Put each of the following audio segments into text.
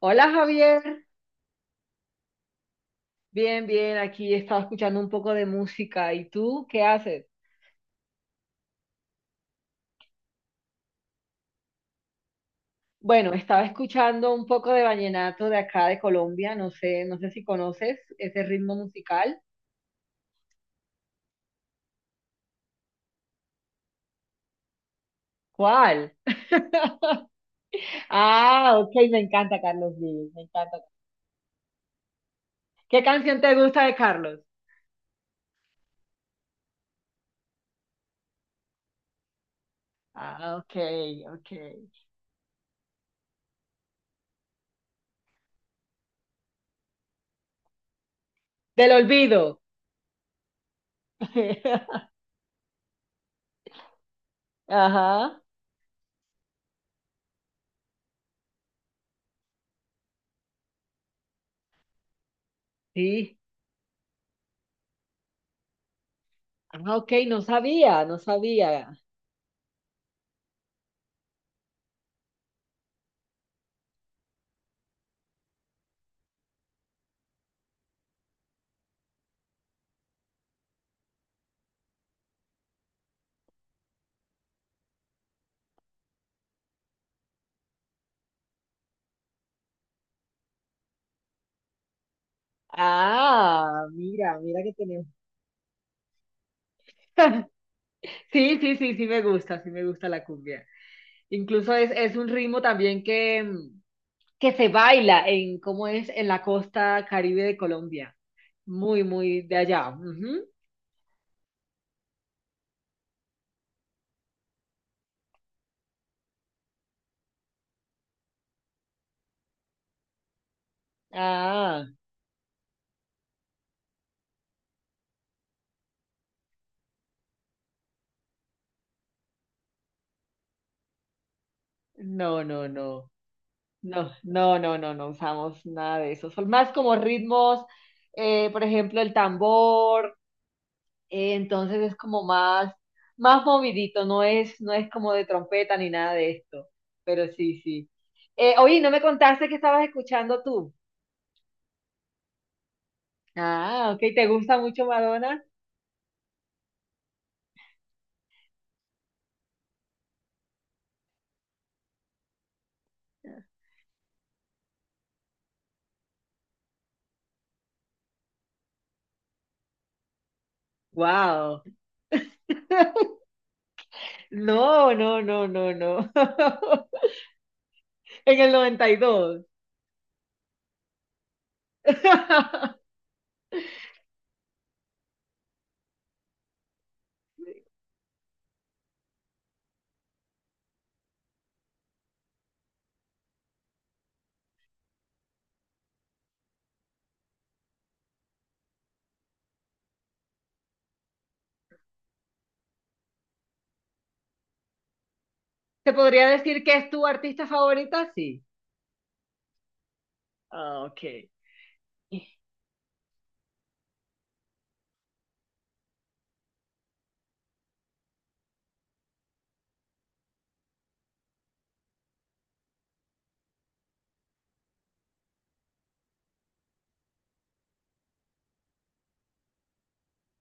Hola Javier, bien, bien, aquí estaba escuchando un poco de música. ¿Y tú qué haces? Bueno, estaba escuchando un poco de vallenato de acá de Colombia, no sé, no sé si conoces ese ritmo musical. ¿Cuál? Ah, ok, me encanta Carlos Vives, me encanta. ¿Qué canción te gusta de Carlos? Ah, ok, ok. Del olvido. Ajá, sí. Ah, ok, no sabía, no sabía. Ah, mira, mira que tenemos. Sí, sí, sí, sí me gusta la cumbia. Incluso es un ritmo también que, que se baila en, ¿cómo es? En la costa Caribe de Colombia. Muy, muy de allá. Ujú. Ah, no, no, no. No, no, no, no, no usamos nada de eso. Son más como ritmos, por ejemplo, el tambor. Entonces es como más movidito, no es como de trompeta ni nada de esto, pero sí, sí. Oye, ¿no me contaste que estabas escuchando tú? Ah, ok, ¿te gusta mucho Madonna? Wow. No, no, no, no, no. En el 92. ¿Te podría decir que es tu artista favorita? Sí. Ah, ok.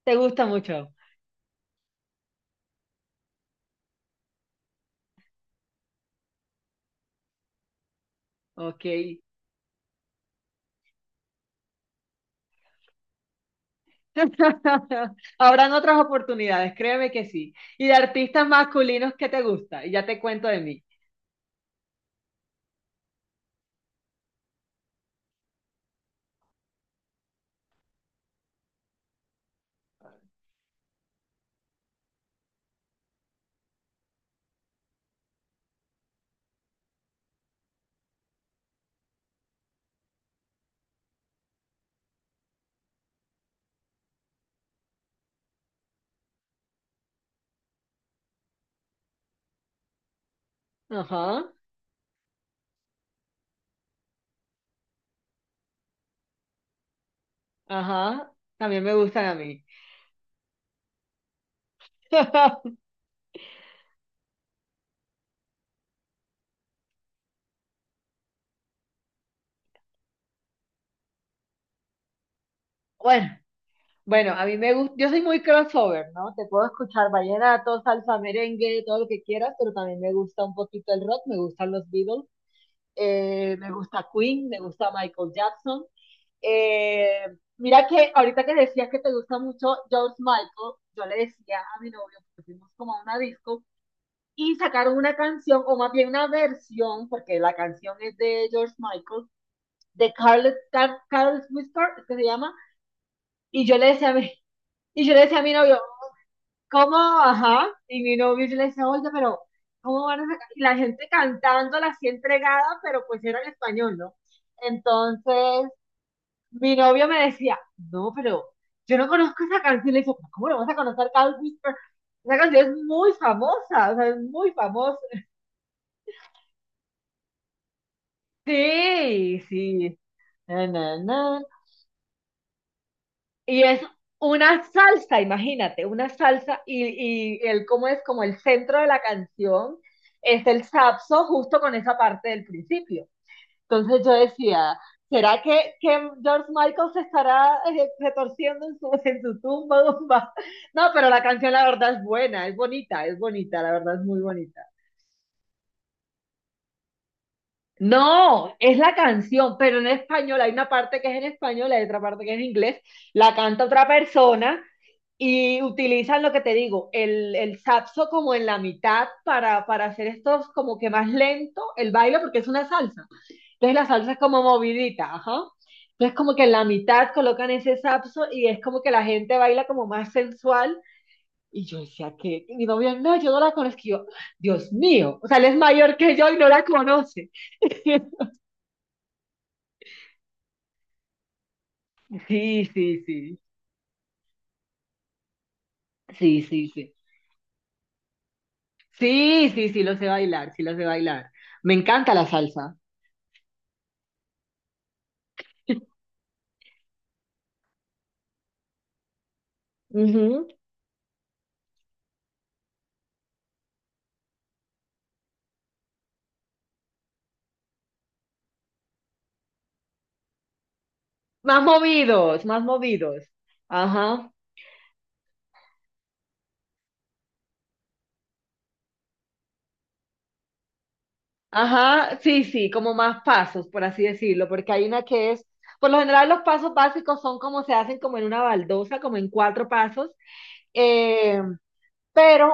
¿Te gusta mucho? Ok. Habrán otras oportunidades, créeme que sí. Y de artistas masculinos que te gusta, y ya te cuento de mí. Ajá, ajá, también me gustan a mí. Bueno, bueno, a mí me gusta, yo soy muy crossover, ¿no? Te puedo escuchar vallenato, salsa, merengue, todo lo que quieras, pero también me gusta un poquito el rock, me gustan los Beatles, me gusta Queen, me gusta Michael Jackson. Eh, Mira que ahorita que decías que te gusta mucho George Michael, yo le decía a mi novio, que fuimos como a una disco y sacaron una canción, o más bien una versión, porque la canción es de George Michael, de Carlos Whisper, es que se llama, y yo le decía a mi, y yo le decía a mi novio, ¿cómo? Ajá, y mi novio yo le decía, oye, pero ¿cómo van a sacar? Y la gente cantándola así entregada, pero pues era en español, ¿no? Entonces, mi novio me decía, no, pero yo no conozco esa canción. Le digo, ¿cómo no vas a conocer Cat Whisper? Esa canción es muy famosa, o sea, es muy famosa. Sí, sí. Na, na, na. Y es una salsa, imagínate, una salsa y el cómo es como el centro de la canción es el saxo justo con esa parte del principio. Entonces yo decía, ¿será que George Michael se estará retorciendo en su, en su tumba, tumba? No, pero la canción la verdad es buena, es bonita, la verdad es muy bonita. No, es la canción, pero en español, hay una parte que es en español, hay otra parte que es en inglés, la canta otra persona y utilizan lo que te digo, el saxo como en la mitad para hacer estos como que más lento el baile porque es una salsa. Entonces la salsa es como movidita, ajá. Entonces como que en la mitad colocan ese sapso y es como que la gente baila como más sensual. Y yo decía que y mi novio, no, yo no la conozco. Y yo, Dios mío, o sea, él es mayor que yo y no la conoce. Sí, sí, sí, sí, sí, sí. Sí, sí, sí, lo sé bailar, sí lo sé bailar. Me encanta la salsa. Ujú. Más movidos, más movidos. Ajá. Ajá, sí, sí, como más pasos, por así decirlo, porque hay una que es, por lo general los pasos básicos son como se hacen como en una baldosa, como en cuatro pasos, eh, pero,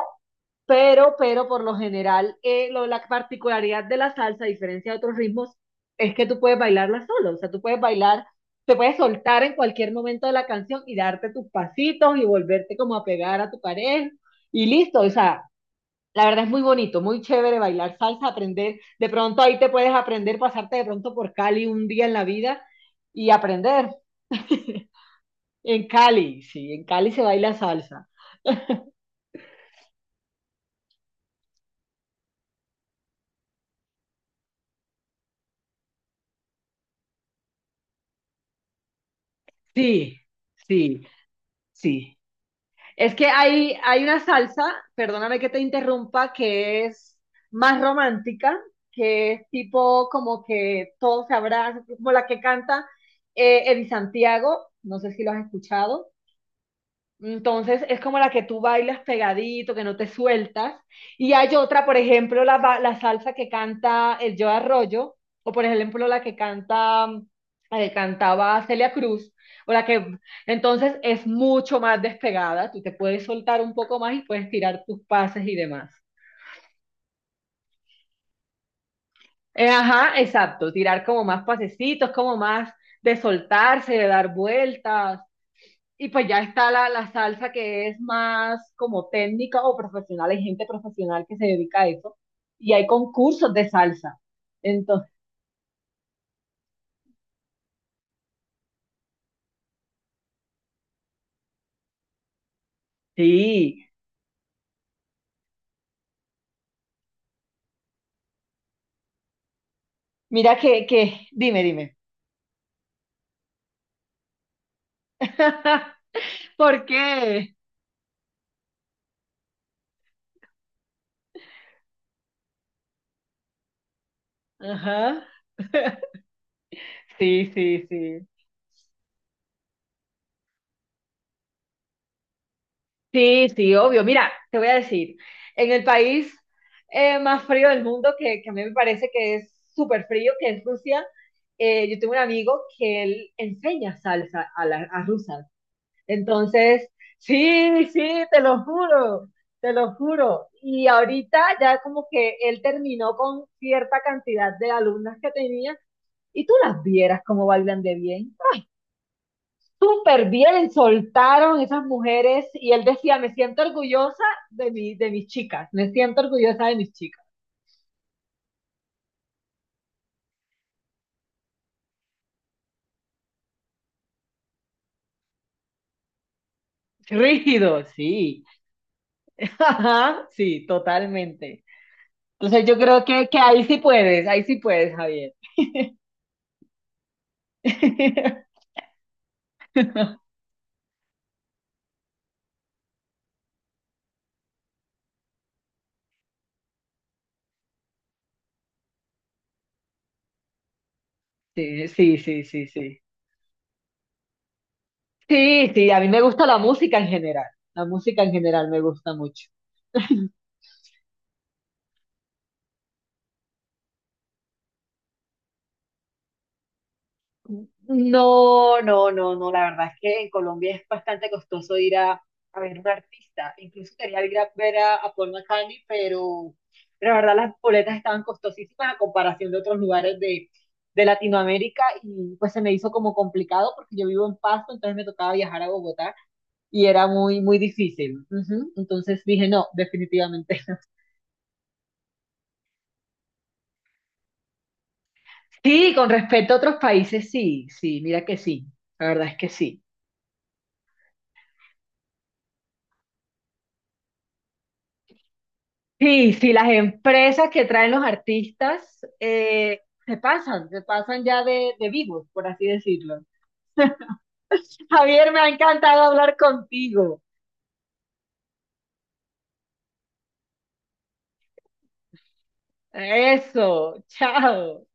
pero por lo general la particularidad de la salsa, a diferencia de otros ritmos, es que tú puedes bailarla solo, o sea, tú puedes bailar, te puedes soltar en cualquier momento de la canción y darte tus pasitos y volverte como a pegar a tu pareja y listo, o sea. La verdad es muy bonito, muy chévere bailar salsa, aprender. De pronto ahí te puedes aprender, pasarte de pronto por Cali un día en la vida y aprender. En Cali, sí, en Cali se baila salsa. Sí, sí, sí. Es que hay una salsa, perdóname que te interrumpa, que es más romántica, que es tipo como que todos se abrazan, como la que canta Eddie Santiago, no sé si lo has escuchado. Entonces es como la que tú bailas pegadito, que no te sueltas. Y hay otra, por ejemplo, la salsa que canta el Joe Arroyo, o por ejemplo la que canta, la que cantaba Celia Cruz, o la que entonces es mucho más despegada, tú te puedes soltar un poco más y puedes tirar tus pases y demás. Ajá, exacto, tirar como más pasecitos, como más de soltarse, de dar vueltas. Y pues ya está la salsa que es más como técnica o profesional, hay gente profesional que se dedica a eso. Y hay concursos de salsa. Entonces, sí, mira dime, dime. ¿Por qué? Ajá. Sí, sí, sí. Sí, sí, obvio. Mira, te voy a decir, en el país más frío del mundo, que a mí me parece que es súper frío, que es Rusia, yo tengo un amigo que él enseña salsa a rusas. Entonces, sí, sí, te lo juro, te lo juro. Y ahorita ya como que él terminó con cierta cantidad de alumnas que tenía y tú las vieras cómo bailan de bien. Súper bien, soltaron esas mujeres y él decía, me siento orgullosa de mis chicas, me siento orgullosa de mis chicas. Rígido, sí, Ajá, sí, totalmente. Entonces yo creo que ahí sí puedes, Javier. Sí, sí, sí, sí, sí. Sí, sí, a mí me gusta la música en general. La música en general me gusta mucho. No, no, no, no, la verdad es que en Colombia es bastante costoso ir a ver un artista. Incluso quería ir a ver a Paul McCartney, pero la verdad las boletas estaban costosísimas a comparación de otros lugares de Latinoamérica y pues se me hizo como complicado porque yo vivo en Pasto, entonces me tocaba viajar a Bogotá y era muy, muy difícil. Ujú. Entonces dije, no, definitivamente. Sí, con respecto a otros países, sí, sí, mira que sí, la verdad es que sí. Sí, sí, las empresas que traen los artistas se pasan ya de vivos, por así decirlo. Javier, me ha encantado hablar contigo. Eso, chao.